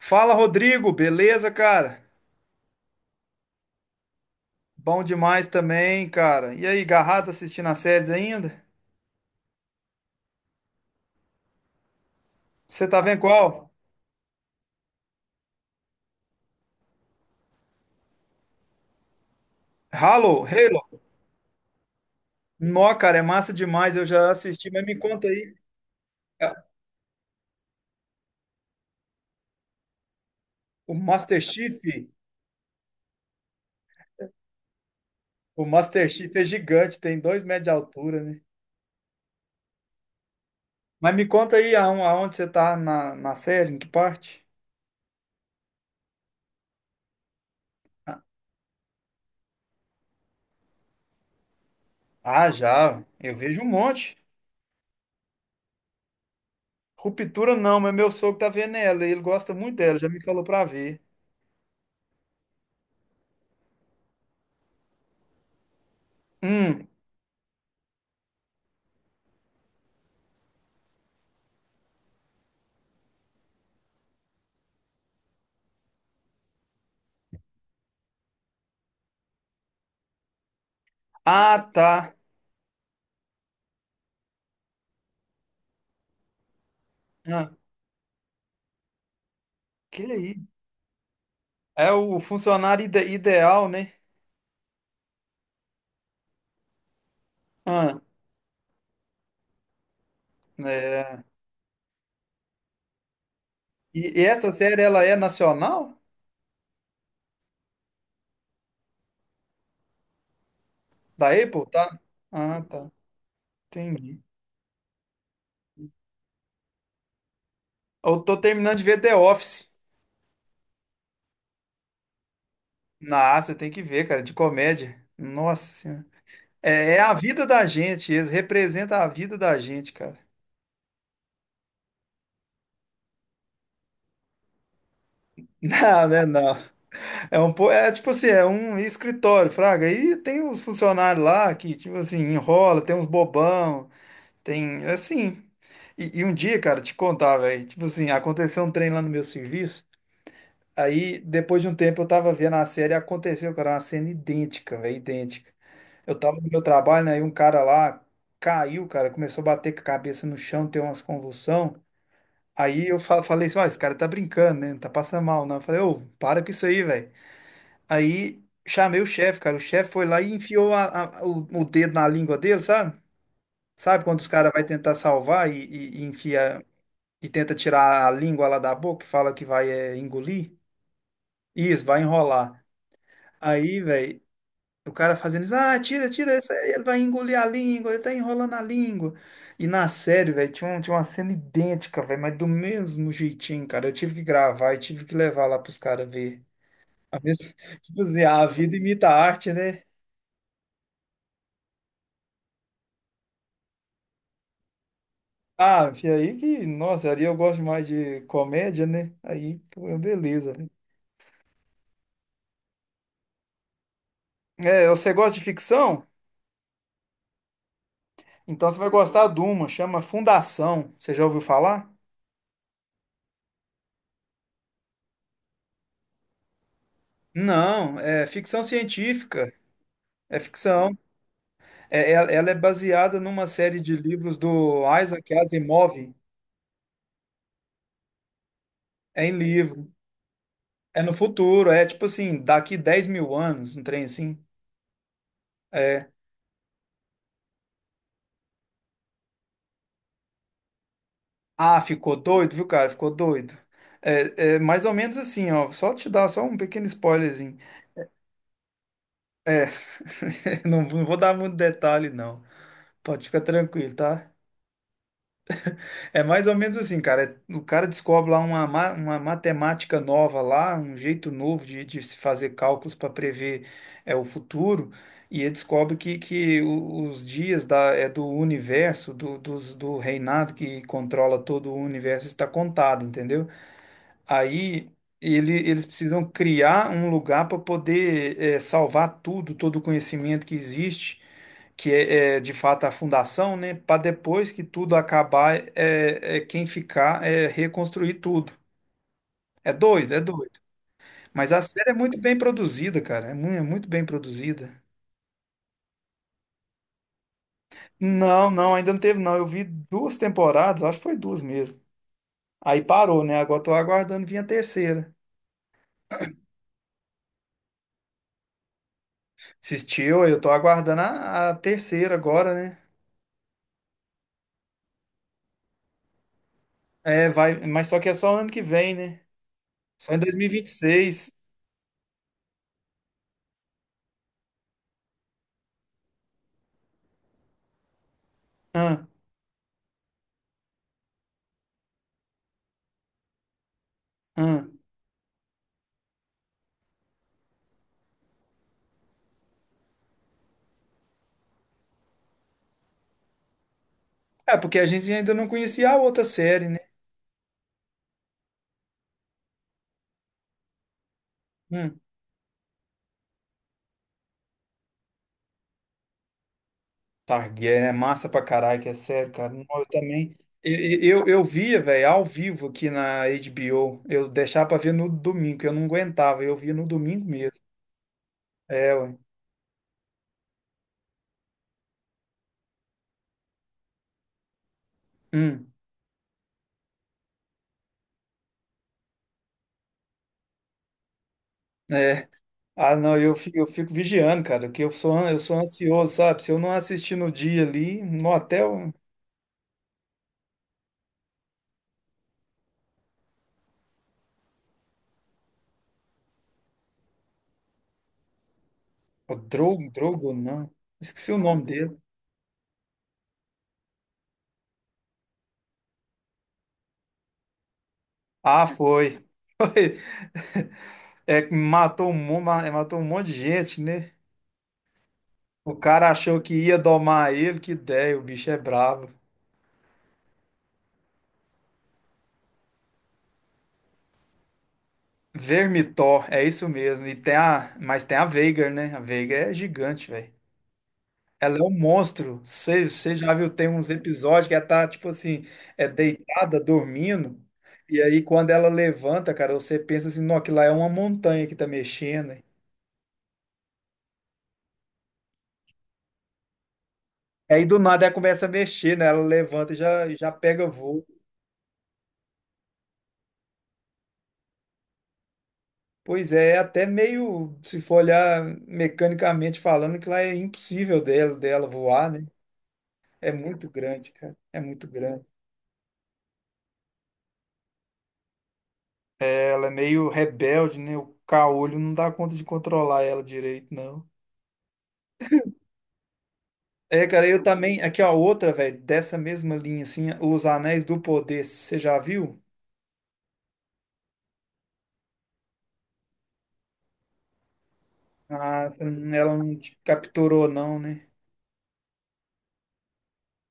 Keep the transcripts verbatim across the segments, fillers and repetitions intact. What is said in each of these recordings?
Fala, Rodrigo, beleza, cara? Bom demais também, cara. E aí, garrado assistindo as séries ainda? Você tá vendo qual? Halo, Halo. Nó, cara, é massa demais, eu já assisti, mas me conta aí. é, O Master Chief, o Master Chief é gigante, tem dois metros de altura, né? Mas me conta aí aon- aonde você tá na, na série, em que parte? Ah, já, eu vejo um monte. Ruptura não, mas meu sogro tá vendo ela, ele gosta muito dela, já me falou pra ver. Hum, ah, tá. Ah. Que aí? É o funcionário ide- ideal, né? Ah, é. E, e essa série, ela é nacional? Da Apple, tá? Ah, tá. Entendi. Eu tô terminando de ver The Office. Nossa, você tem que ver, cara, de comédia. Nossa Senhora. É, é a vida da gente, eles representam a vida da gente, cara. Não, né, não. É um, po- é tipo assim, é um escritório, fraga. E tem os funcionários lá que, tipo assim, enrola, tem uns bobão. Tem, assim. E, e um dia, cara, te contar, velho. Tipo assim, aconteceu um trem lá no meu serviço. Aí, depois de um tempo, eu tava vendo a série e aconteceu, cara, uma cena idêntica, velho, idêntica. Eu tava no meu trabalho, né? E um cara lá caiu, cara, começou a bater com a cabeça no chão, ter umas convulsão. Aí eu fa- falei assim, ó, esse cara tá brincando, né? Não tá passando mal, não. Eu falei, ô, para com isso aí, velho. Aí chamei o chefe, cara. O chefe foi lá e enfiou a- a- o, o dedo na língua dele, sabe? Sabe quando os caras vai tentar salvar e, e, e enfia e tenta tirar a língua lá da boca, e fala que vai é, engolir. Isso, vai enrolar. Aí, velho, o cara fazendo isso, ah, tira, tira, isso aí, ele vai engolir a língua, ele tá enrolando a língua. E na série, velho, tinha, um- tinha uma cena idêntica, velho, mas do mesmo jeitinho, cara. Eu tive que gravar e tive que levar lá pros caras ver. A mesma, tipo assim, a vida imita a arte, né? Ah, e aí que, nossa, ali eu gosto mais de comédia, né? Aí, pô, beleza. Velho. É, você gosta de ficção? Então você vai gostar de uma, chama Fundação. Você já ouviu falar? Não, é ficção científica. É ficção. É, é- ela é baseada numa série de livros do Isaac Asimov. É em livro. É no futuro. É tipo assim, daqui dez mil anos, um trem assim. É. Ah, ficou doido, viu, cara? Ficou doido. É, é mais ou menos assim, ó. Só te dar só um pequeno spoilerzinho. É. Não, não vou dar muito detalhe, não. Pode ficar tranquilo, tá? É mais ou menos assim, cara. é, O cara descobre lá uma, ma- uma matemática nova lá, um jeito novo de, de se fazer cálculos para prever é, o futuro, e ele descobre que, que o- os dias da, é, do universo, do, dos- do reinado que controla todo o universo está contado, entendeu? Aí ele- eles precisam criar um lugar para poder é, salvar tudo, todo o conhecimento que existe que é, é, de fato a fundação, né? Para depois que tudo acabar, é, é quem ficar é reconstruir tudo. É doido, é doido. Mas a série é muito bem produzida, cara. É muito, é muito bem produzida. Não, não, ainda não teve, não. Eu vi duas temporadas, acho que foi duas mesmo. Aí parou, né? Agora tô aguardando vir a terceira. Assistiu, eu tô aguardando a, a terceira agora, né? É, vai, mas só que é só ano que vem, né? Só em dois mil e vinte e seis. Ah, ah. É, porque a gente ainda não conhecia a outra série. Hum, Targaryen é massa pra caralho, que é sério, cara. Não, eu também. Eu, eu, eu via, velho, ao vivo aqui na H B O. Eu deixava pra ver no domingo, que eu não aguentava. Eu via no domingo mesmo. É, ué. Hum, é. Ah, não, eu fico, eu fico vigiando, cara, que eu sou, an- eu sou ansioso, sabe? Se eu não assistir no dia ali, no hotel, o Drogo, Drogo, não. Esqueci o nome dele. Ah, foi. Foi. É, que matou um, mon- ma- matou um monte de gente, né? O cara achou que ia domar ele, que ideia, o bicho é brabo. Vermitor, é isso mesmo. E tem a, mas tem a Veigar, né? A Veigar é gigante, velho. Ela é um monstro. Você já viu, tem uns episódios que ela tá, tipo assim, é deitada, dormindo. E aí, quando ela levanta, cara, você pensa assim, não, aquilo lá é uma montanha que tá mexendo. E aí, do nada, ela começa a mexer, né? Ela levanta e já, já pega voo. Pois é, é até meio, se for olhar mecanicamente falando, que lá é impossível dela, dela voar, né? É muito grande, cara. É muito grande. Ela é meio rebelde, né? O caolho não dá conta de controlar ela direito, não. É, cara, eu também. Aqui, ó, outra, velho, dessa mesma linha, assim, Os Anéis do Poder, você já viu? Ah, ela não te capturou, não, né?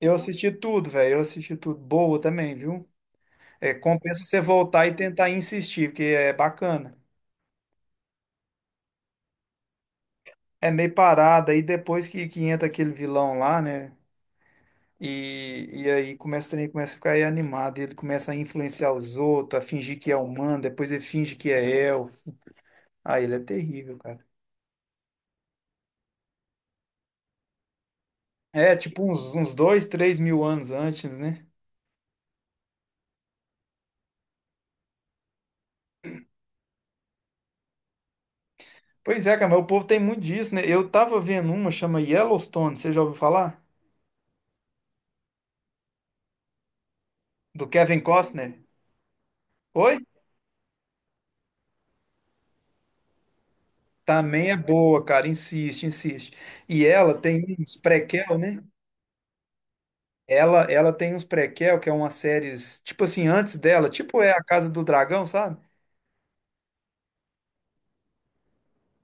Eu assisti tudo, velho. Eu assisti tudo. Boa também, viu? É, compensa você voltar e tentar insistir, porque é bacana. É meio parada, aí depois que, que entra aquele vilão lá, né? E, e aí começa, o trem começa a ficar aí animado, ele começa a influenciar os outros, a fingir que é humano, depois ele finge que é elfo. Ah, ele é terrível, cara. É, tipo uns, uns dois, três mil anos antes, né? Pois é, cara, mas o povo tem muito disso, né? Eu tava vendo uma, chama Yellowstone, você já ouviu falar? Do Kevin Costner? Oi? Também é boa, cara, insiste, insiste. E ela tem uns prequel, né? Ela, ela tem uns prequel, que é uma séries, tipo assim, antes dela, tipo é a Casa do Dragão, sabe?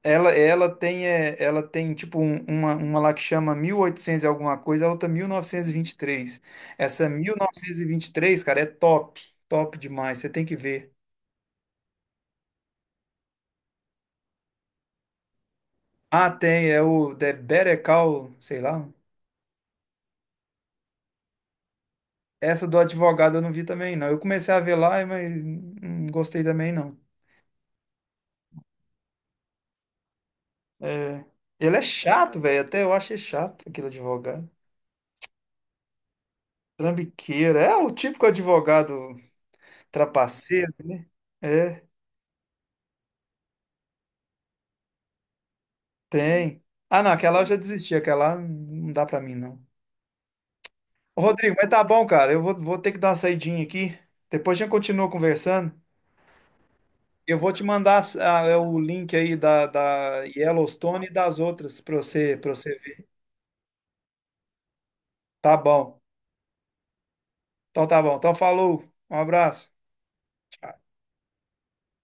Ela, ela tem, é, ela tem tipo um- uma, uma lá que chama mil e oitocentos e alguma coisa, a outra mil novecentos e vinte e três. Essa mil novecentos e e vinte e três, cara, é top, top demais, você tem que ver. Ah, tem, é o The Better Call, sei lá. Essa do advogado eu não vi também, não. Eu comecei a ver lá, mas não gostei também, não. É, ele é chato, velho, até eu achei chato aquele advogado. Trambiqueira. É o típico advogado trapaceiro, né? É, tem. Ah, não, aquela eu já desisti, aquela lá não dá pra mim, não. Ô, Rodrigo, mas tá bom, cara. Eu vou, vou ter que dar uma saidinha aqui. Depois a gente continua conversando. Eu vou te mandar as- a- é, o link aí da, da Yellowstone e das outras pra você, pra você ver. Tá bom. Então tá bom. Então falou. Um abraço.